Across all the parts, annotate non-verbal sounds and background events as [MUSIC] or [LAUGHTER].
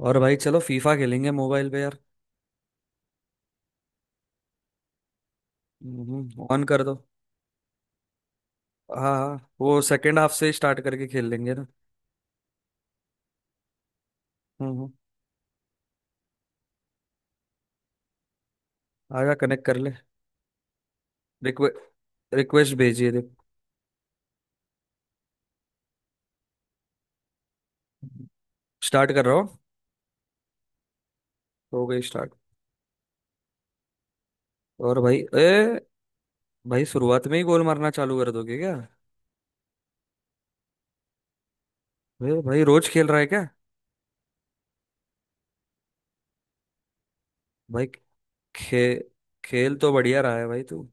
और भाई चलो फीफा खेलेंगे मोबाइल पे यार। हम्म, ऑन कर दो। हाँ हाँ, वो सेकंड हाफ से स्टार्ट करके खेल लेंगे ना। हम्म हम्म, आजा कनेक्ट कर ले। रिक्वे रिक्वेस्ट भेजिए देख। स्टार्ट कर रहा हूँ। हो गई स्टार्ट। और भाई ए, भाई शुरुआत में ही गोल मारना चालू कर दोगे क्या। भाई भाई रोज खेल रहा है क्या। भाई खे खेल तो बढ़िया रहा है भाई तू।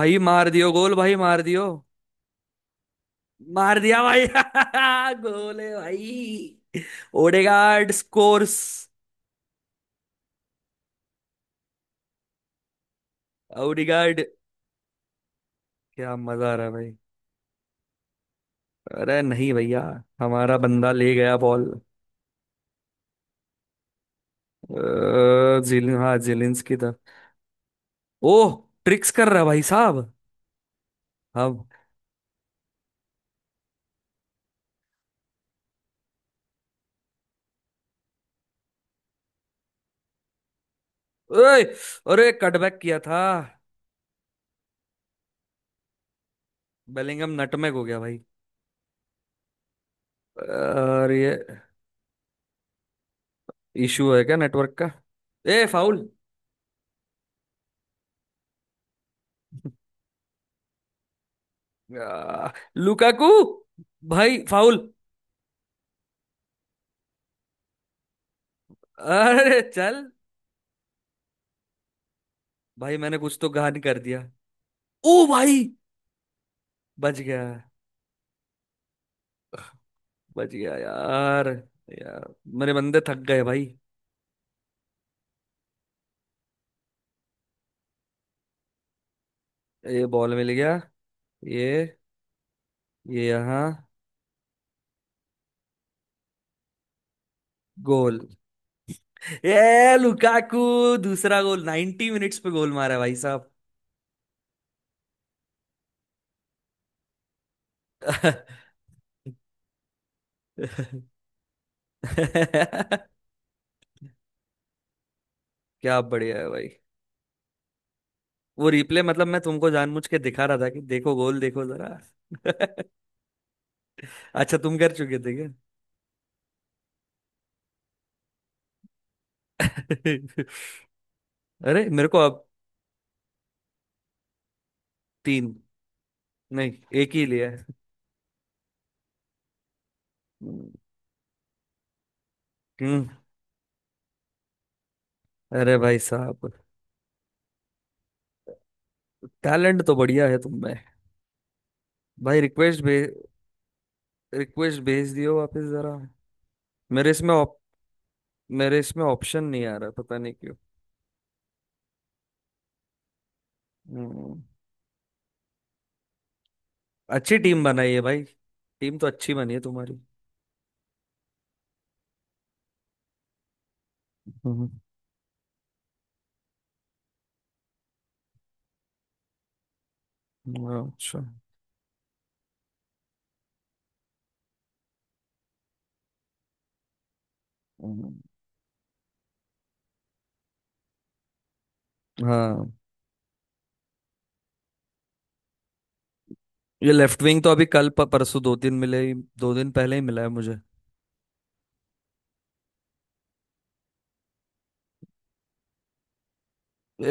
भाई मार दियो गोल, भाई मार दियो। मार दिया भाई [LAUGHS] गोल है भाई। Odegaard scores. ओडेगार्ड। क्या मजा आ रहा है भाई। अरे नहीं भैया, हमारा बंदा ले गया बॉल। जिलिन, हाँ जिलिंस की तरफ। ओह, ट्रिक्स कर रहा भाई साहब। हम। ओए, अरे कटबैक किया था। बेलिंगम नटमेग हो गया भाई। और ये इशू है क्या नेटवर्क का। ए फाउल। आ, लुकाकू। भाई फाउल। अरे चल भाई, मैंने कुछ तो गहान कर दिया। ओ भाई, बच गया। बच गया यार। यार मेरे बंदे थक गए भाई। ये बॉल मिल गया। ये ये यहाँ। गोल! ये लुकाकू। दूसरा गोल, 90 मिनट्स पे गोल मारा भाई साहब। [LAUGHS] क्या बढ़िया है भाई। वो रिप्ले मतलब मैं तुमको जानबूझ के दिखा रहा था कि देखो गोल, देखो जरा। [LAUGHS] अच्छा, तुम कर चुके थे क्या। [LAUGHS] अरे मेरे को अब। तीन, नहीं एक ही लिया है। हम्म। अरे भाई साहब, टैलेंट तो बढ़िया है तुम में। भाई रिक्वेस्ट भेज, रिक्वेस्ट भेज दियो वापस जरा। मेरे इसमें ऑप, मेरे इसमें ऑप्शन नहीं आ रहा, पता नहीं क्यों। हम्म। अच्छी टीम बनाई है भाई। टीम तो अच्छी बनी है तुम्हारी। हम्म। अच्छा। हम्म। हाँ, ये लेफ्ट विंग तो अभी कल परसों, दो दिन पहले ही मिला है मुझे।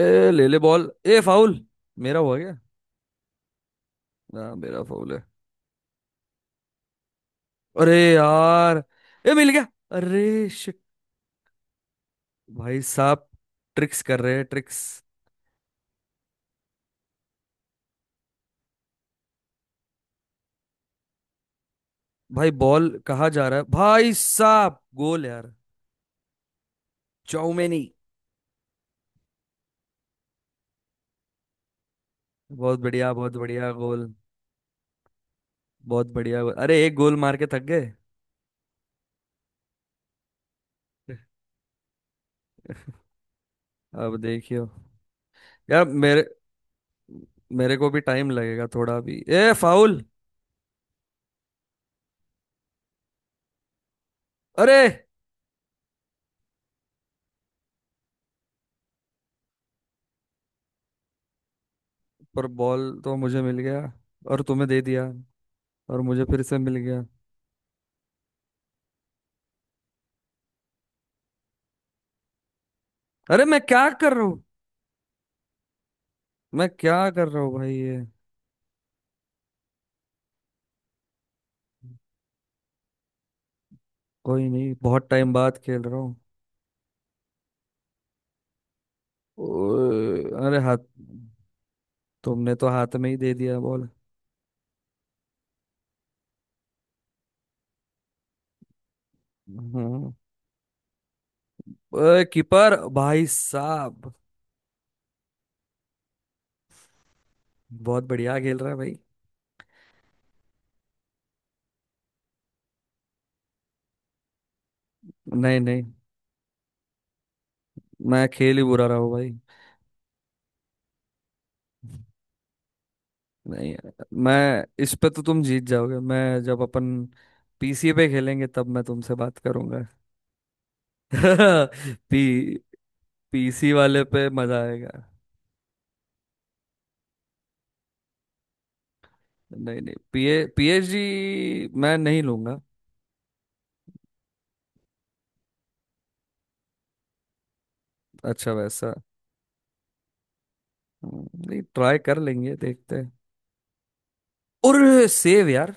ए ले ले बॉल। ए फाउल। मेरा हुआ क्या। हाँ मेरा फाउल है। अरे यार। ए मिल गया। अरे शिट। भाई साहब ट्रिक्स कर रहे हैं, ट्रिक्स। भाई बॉल कहाँ जा रहा है भाई साहब, गोल यार। चौमेनी! बहुत बढ़िया, बहुत बढ़िया गोल। बहुत बढ़िया गोल, अरे एक गोल मार के थक गए। अब देखियो। यार मेरे मेरे को भी टाइम लगेगा थोड़ा। भी ए फाउल। अरे। पर बॉल तो मुझे मिल गया और तुम्हें दे दिया और मुझे फिर से मिल गया। अरे मैं क्या कर रहा हूँ। मैं क्या कर रहा हूँ भाई ये। कोई नहीं, बहुत टाइम बाद खेल रहा हूँ। ओए, अरे हाथ। तुमने तो हाथ में ही दे दिया बॉल। हम्म। ओए, कीपर भाई साहब बहुत बढ़िया खेल रहा है भाई। नहीं नहीं, मैं खेल ही बुरा रहा हूँ भाई। नहीं, मैं इस पे तो तुम जीत जाओगे। मैं जब अपन पीसी पे खेलेंगे, तब मैं तुमसे बात करूंगा। [LAUGHS] पी पीसी वाले पे मजा आएगा। नहीं नहीं, पीएचडी मैं नहीं लूंगा। अच्छा वैसा। नहीं ट्राई कर लेंगे, देखते हैं। और सेव यार।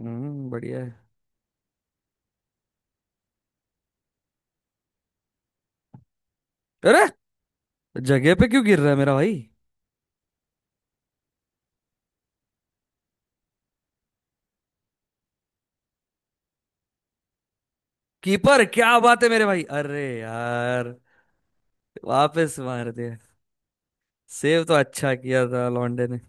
हम्म, बढ़िया है। अरे जगह पे क्यों गिर रहा है मेरा भाई। कीपर क्या बात है मेरे भाई। अरे यार, वापस मार दिया। सेव तो अच्छा किया था लॉन्डे ने।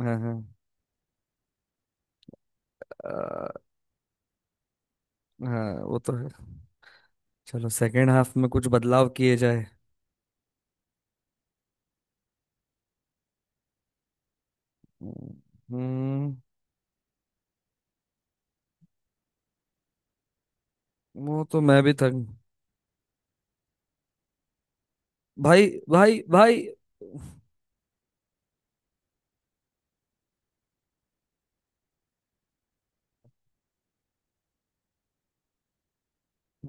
हाँ हाँ। अ, हाँ वो तो है। चलो सेकेंड हाफ में कुछ बदलाव किए जाए। हम्म। वो तो मैं भी थक। भाई भाई भाई। अ,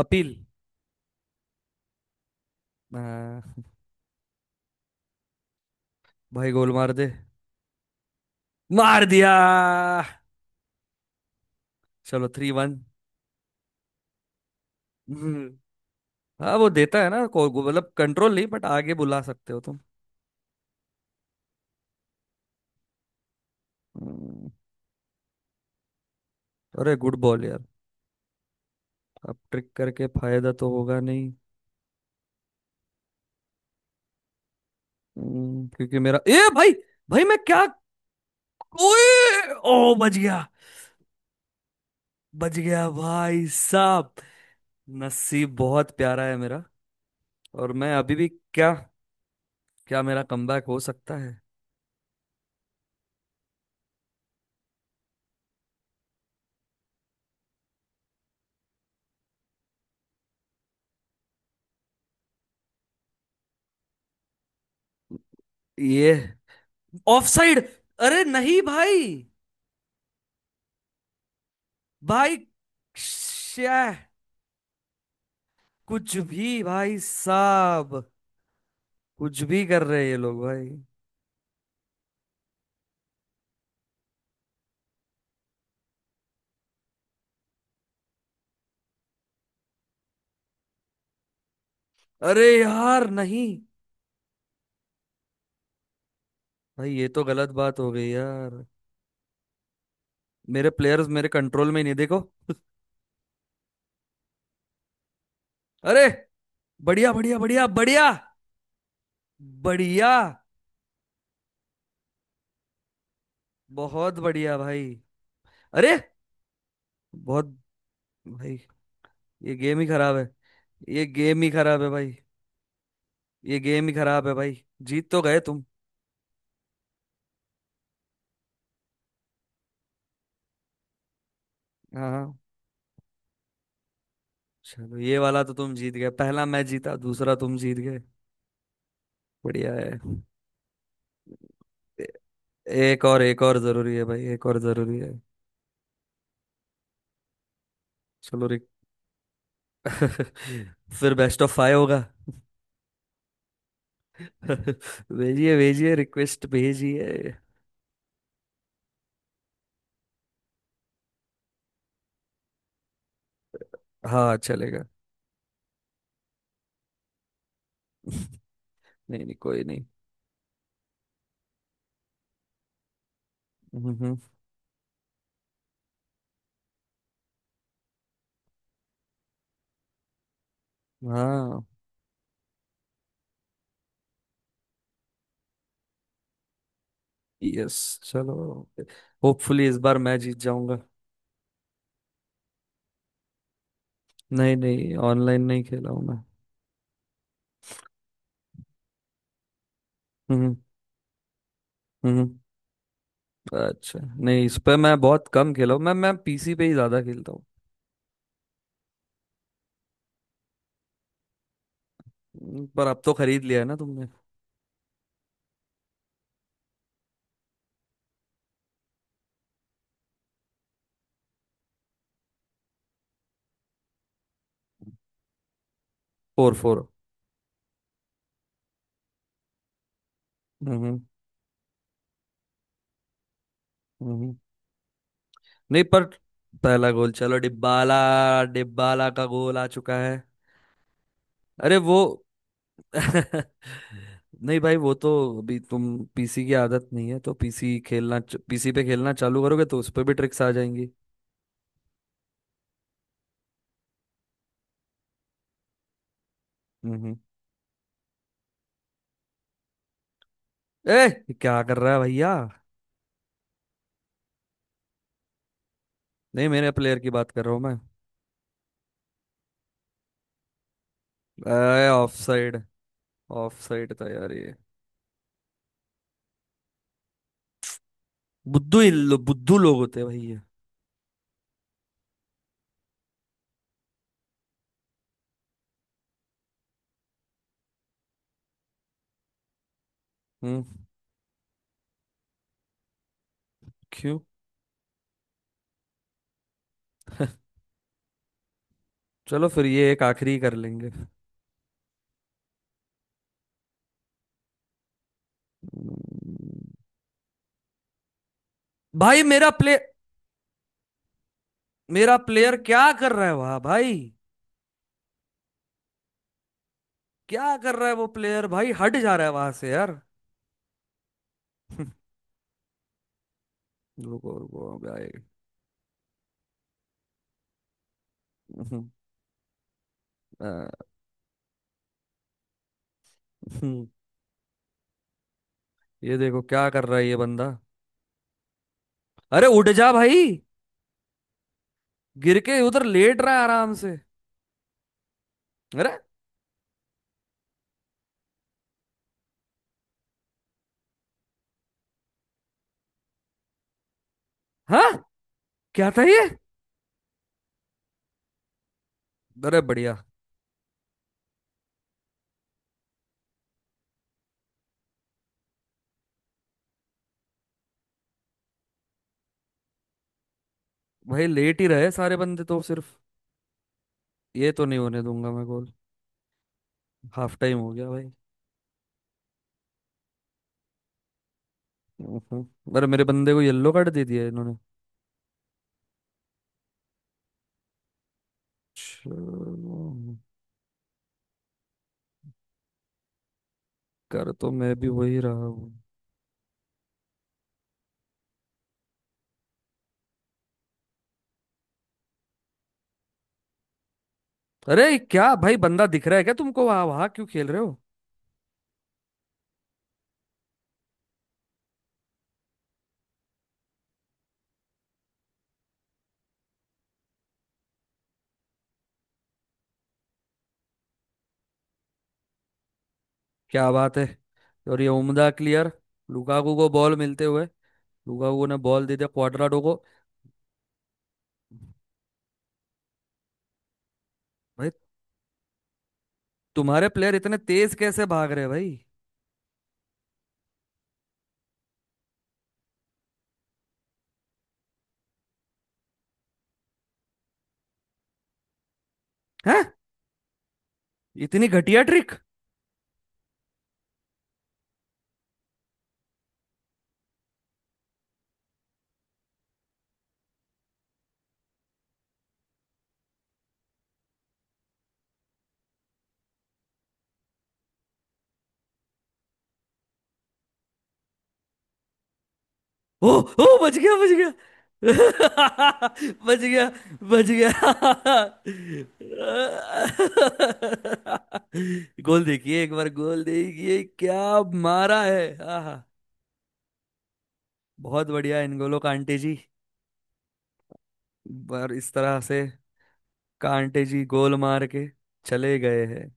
अपील। अ, भाई गोल मार दे। मार दिया। चलो थ्री वन। हम्म, हाँ वो देता है ना मतलब कंट्रोल नहीं, बट आगे बुला सकते हो तुम। हम्म। अरे गुड बॉल यार। अब ट्रिक करके फायदा तो होगा नहीं। क्योंकि मेरा ए भाई। भाई मैं क्या। ओए ओ, बच गया। बच गया भाई साहब। नसीब बहुत प्यारा है मेरा। और मैं अभी भी। क्या, क्या मेरा कमबैक हो सकता है। ये ऑफ साइड। अरे नहीं भाई। भाई श्या। कुछ भी भाई साहब, कुछ भी कर रहे हैं ये लोग भाई। अरे यार नहीं। भाई ये तो गलत बात हो गई यार। मेरे प्लेयर्स मेरे कंट्रोल में ही नहीं, देखो। अरे, बढ़िया बढ़िया बढ़िया बढ़िया। बढ़िया। बहुत बढ़िया भाई। अरे, बहुत। भाई ये गेम ही खराब है। ये गेम ही खराब है भाई। ये गेम ही खराब है भाई। जीत तो गए तुम। हाँ हाँ, चलो ये वाला तो तुम जीत गए। पहला मैं जीता, दूसरा तुम जीत गए। बढ़िया है। ए- एक और, एक और जरूरी है भाई, एक और जरूरी है। चलो रिक... [LAUGHS] फिर बेस्ट ऑफ फाइव होगा। [LAUGHS] भेजिए भेजिए, रिक्वेस्ट भेजिए। हाँ चलेगा। [LAUGHS] नहीं नहीं, कोई नहीं। हम्म, हम्म। हाँ। यस, चलो। होपफुली इस बार मैं जीत जाऊंगा। नहीं नहीं, ऑनलाइन नहीं खेला हूं मैं। हम्म। हम्म। अच्छा। नहीं, इस पे मैं बहुत कम खेला हूँ, मैं पीसी पे ही ज्यादा खेलता हूँ। पर अब तो खरीद लिया है ना तुमने। Four, four. हम्म। हम्म। नहीं, पर पहला गोल चलो डिब्बाला। डिब्बाला का गोल आ चुका है। अरे वो [LAUGHS] नहीं भाई वो तो, अभी तुम पीसी की आदत नहीं है तो पीसी खेलना। पीसी पे खेलना चालू करोगे तो उस पे भी ट्रिक्स आ जाएंगी। हम्म। ए, क्या कर रहा है भैया। नहीं, मेरे प्लेयर की बात कर रहा हूँ मैं। अरे ऑफ साइड। ऑफ साइड था यार ये। बुद्धू ही लो, बुद्धू लोग होते हैं भैया। हम्म। क्यों। चलो फिर ये एक आखिरी कर लेंगे। भाई मेरा प्ले मेरा प्लेयर क्या कर रहा है वहां भाई। क्या कर रहा है वो प्लेयर भाई, हट जा रहा है वहां से यार। [LAUGHS] रुको रुको भाई। हम्म, अ, हम्म, ये देखो क्या कर रहा है ये बंदा। अरे उठ जा भाई, गिर के उधर लेट रहा है आराम से। अरे। हाँ। क्या था ये। अरे बढ़िया। भाई लेट ही रहे सारे बंदे तो सिर्फ, ये तो नहीं होने दूंगा मैं गोल। हाफ टाइम हो गया भाई। हम्म। अरे मेरे बंदे को येलो कार्ड दे दिया इन्होंने। चलो, कर तो मैं भी वही रहा हूँ। अरे क्या भाई, बंदा दिख रहा है क्या तुमको, वहां वहां क्यों खेल रहे हो। क्या बात है, और ये उम्दा क्लियर। लुकाकू को बॉल मिलते हुए, लुकाकू ने बॉल दे दिया क्वाड्राडो को। भाई तुम्हारे प्लेयर इतने तेज कैसे भाग रहे हैं भाई। हैं, इतनी घटिया ट्रिक। ओ ओ, बच गया। बच गया। [LAUGHS] बच गया। बच गया। [LAUGHS] गोल देखिए एक बार, गोल देखिए क्या मारा है। आहा, बहुत बढ़िया इनगोलो कांटे जी, बार इस तरह से कांटे जी गोल मार के चले गए हैं।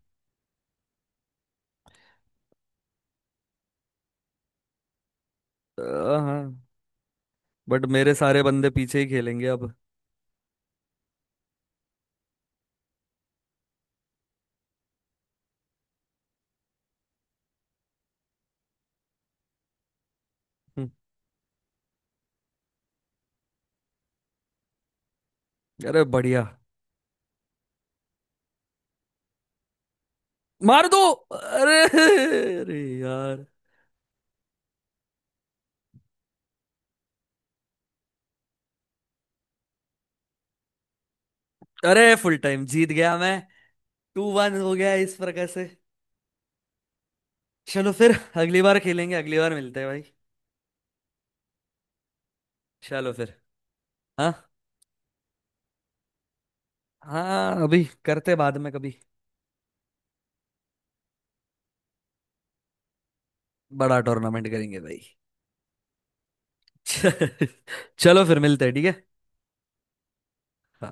हाँ, बट मेरे सारे बंदे पीछे ही खेलेंगे अब। हम्म, अरे बढ़िया। मार दो। अरे [LAUGHS] अरे यार। अरे फुल टाइम जीत गया मैं। टू वन हो गया इस प्रकार से। चलो फिर, अगली बार खेलेंगे, अगली बार मिलते हैं भाई। चलो फिर। हाँ। हाँ अभी करते बाद में कभी। बड़ा टूर्नामेंट करेंगे भाई। [LAUGHS] चलो फिर मिलते हैं, ठीक है।